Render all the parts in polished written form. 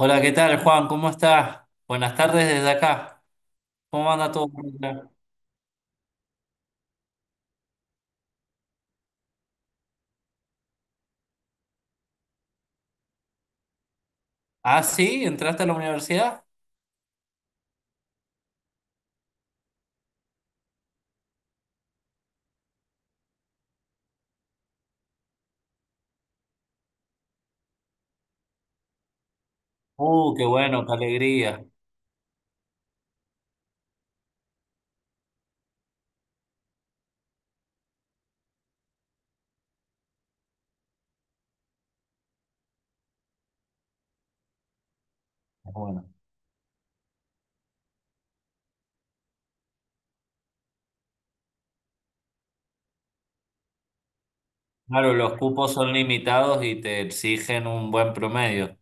Hola, ¿qué tal, Juan? ¿Cómo estás? Buenas tardes desde acá. ¿Cómo anda todo por acá? Ah, sí, ¿entraste a la universidad? Qué bueno, qué alegría. Es bueno, claro, los cupos son limitados y te exigen un buen promedio.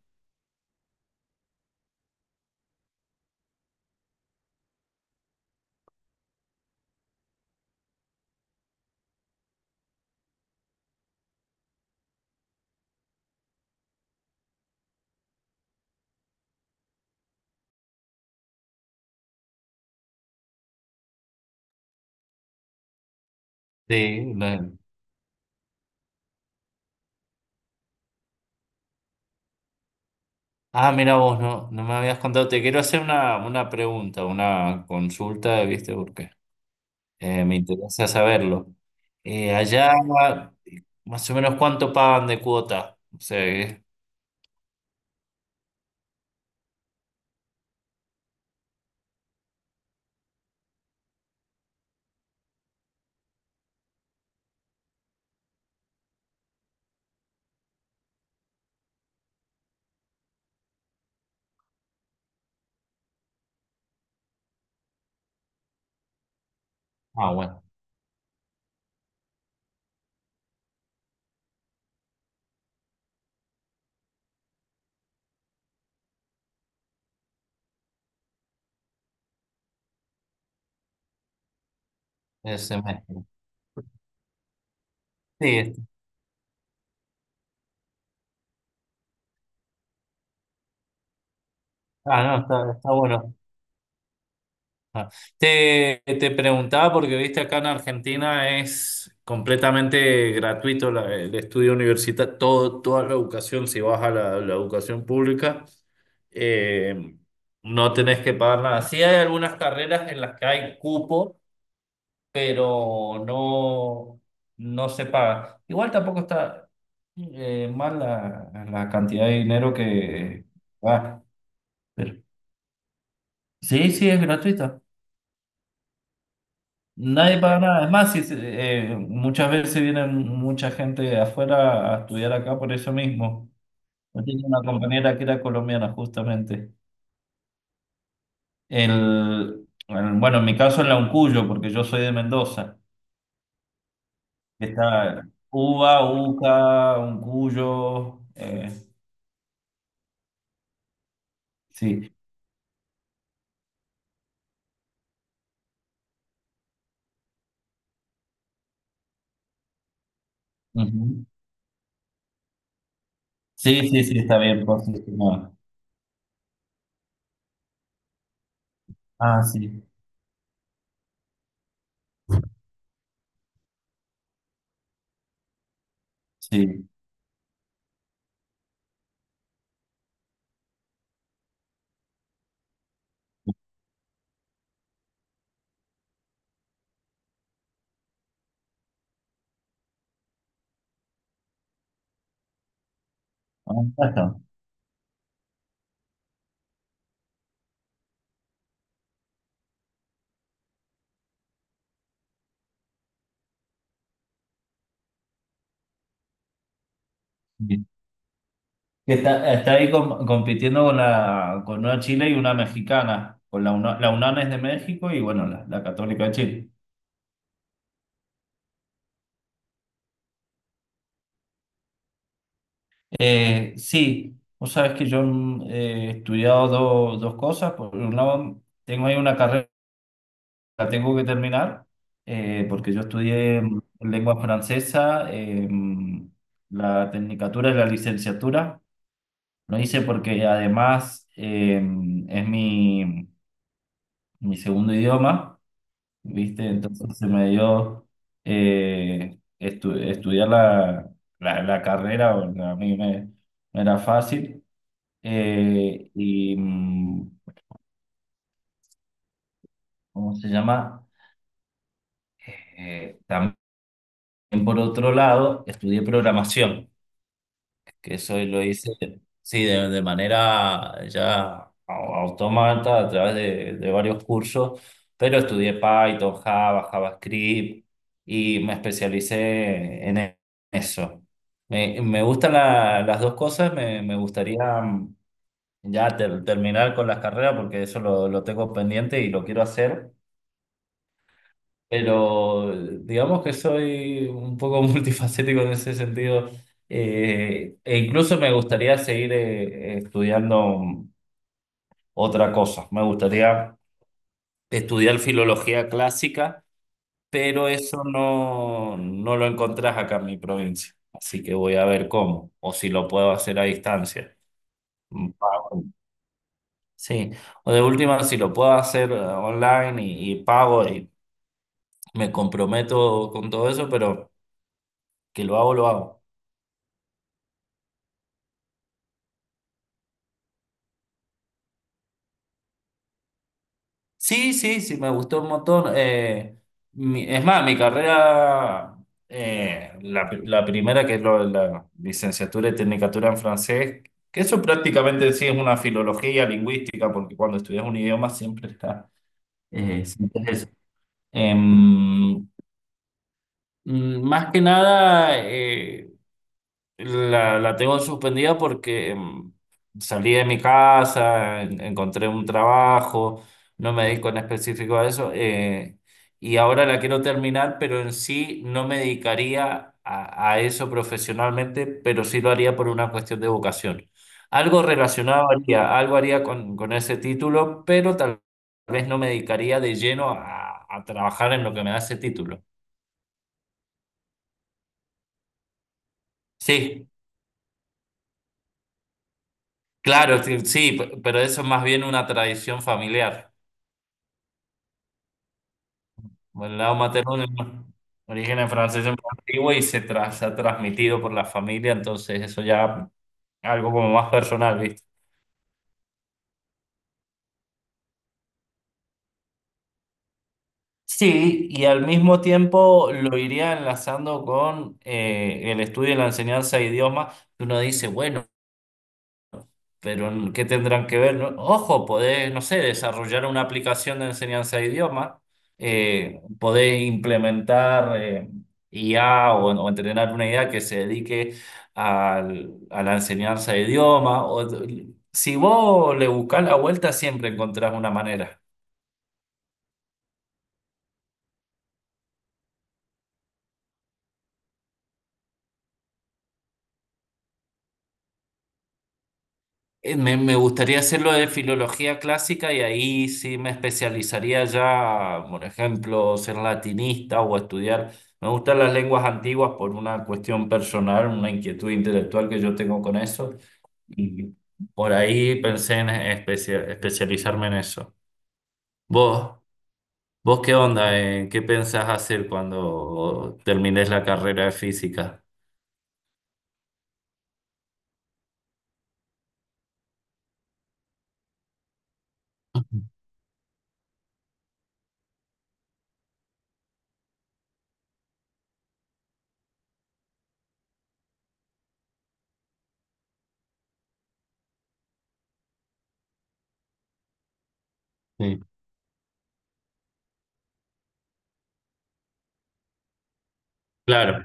Sí, lo- Ah, mira vos, no, no me habías contado. Te quiero hacer una pregunta, una consulta, ¿viste? Porque me interesa saberlo. Allá, más o menos, ¿cuánto pagan de cuota? O sea, ah, bueno, ese semestre. Sí. Ah, no, está, está bueno. Ah. Te preguntaba porque viste acá en Argentina es completamente gratuito la- el estudio universitario, todo, toda la educación, si vas a la educación pública, eh, no tenés que pagar nada. Sí hay algunas carreras en las que hay cupo, pero no, no se paga. Igual tampoco está mal la cantidad de dinero que va. Pero sí, sí, es gratuita. Nadie paga nada. Es más, si, se- muchas veces viene mucha gente de afuera a estudiar acá por eso mismo. Yo tenía una compañera que era colombiana, justamente. El, bueno, en mi caso en la Uncuyo, porque yo soy de Mendoza. Está Uva, Uca, Uncuyo. Sí. Ujú. Sí, sí, sí, está bien posicionado. Ah, sí, sí. Ah, está. Que está, está ahí com- compitiendo con la, con una Chile y una mexicana. Con la UNA- la UNAM es de México y bueno, la, la Católica de Chile. Sí, vos sabés que yo he estudiado do- dos cosas. Por un lado, tengo ahí una carrera que tengo que terminar, porque yo estudié lengua francesa, la tecnicatura y la licenciatura. Lo hice porque además es mi, mi segundo idioma. ¿Viste? Entonces se me dio estu- estudiar la carrera, o sea, a mí me, me era fácil, eh, y mm, ¿cómo se llama? También, por otro lado, estudié programación. Que eso lo hice, sí, de manera ya au- automata a través de varios cursos, pero estudié Python, Java, JavaScript y me especialicé en e- eso. Me gustan la- las dos cosas, me gustaría ya ter- terminar con las carreras porque eso lo tengo pendiente y lo quiero hacer. Pero digamos que soy un poco multifacético en ese sentido. E incluso me gustaría seguir estudiando otra cosa. Me gustaría estudiar filología clásica, pero eso no, no lo encontrás acá en mi provincia. Así que voy a ver cómo, o si lo puedo hacer a distancia. Mm, pago. Sí, o de última, si lo puedo hacer online y pago y me comprometo con todo eso, pero que lo hago, lo hago. Sí, sí, sí, me gustó un montón. Es más, mi carrera, la, la primera, que es lo- la licenciatura y tecnicatura en francés, que eso prácticamente sí es una filología lingüística, porque cuando estudias un idioma siempre está, siempre es eso. Em, Más que nada, la, la tengo suspendida porque salí de mi casa, en- encontré un trabajo, no me dedico en específico a eso, y ahora la quiero terminar, pero en sí no me dedicaría a eso profesionalmente, pero sí lo haría por una cuestión de vocación. Algo relacionado haría, algo haría con ese título, pero tal vez no me dedicaría de lleno a trabajar en lo que me da ese título. Sí. Claro, sí, sí, pe- pero eso es más bien una tradición familiar. El lado materno de origen francés franceses muy antiguo y se, tra- se ha transmitido por la familia, entonces eso ya algo como más personal, ¿viste? Sí, y al mismo tiempo lo iría enlazando con el estudio y la enseñanza de idiomas. Uno dice, bueno, pero ¿qué tendrán que ver? No- Ojo, podés, no sé, desarrollar una aplicación de enseñanza de idiomas, podés implementar IA o entrenar una IA que se dedique al- a la enseñanza de idiomas. O si vos le buscás la vuelta, siempre encontrás una manera. Me, me gustaría hacerlo de filología clásica y ahí sí me especializaría ya, por ejemplo, ser latinista o estudiar. Me gustan las lenguas antiguas por una cuestión personal, una inquietud intelectual que yo tengo con eso. Y por ahí pensé en especia- especializarme en eso. ¿Vos, vos qué onda? ¿Eh? ¿Qué pensás hacer cuando termines la carrera de física? Ujú. Sí, claro,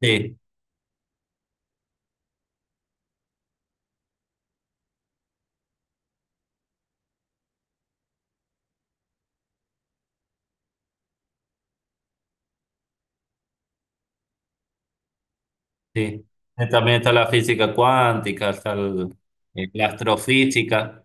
sí. Sí. También está la física cuántica, está el- la astrofísica.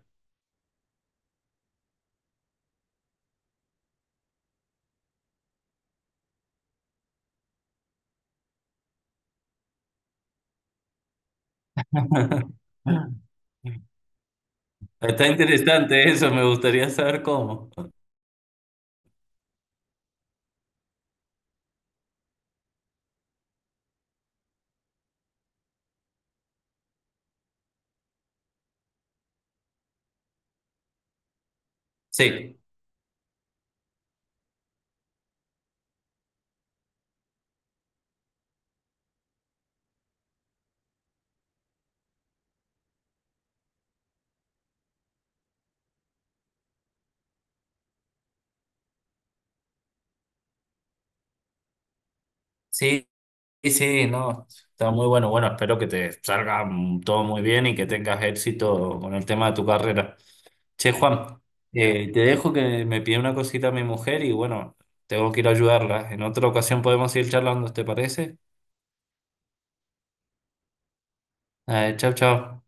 Está interesante eso, me gustaría saber cómo. Sí, sí, sí, no, está muy bueno. Bueno, espero que te salga todo muy bien y que tengas éxito con el tema de tu carrera. Che, Juan, te dejo que me pide una cosita a mi mujer y bueno, tengo que ir a ayudarla. En otra ocasión podemos ir charlando, ¿te parece? Chao, chao.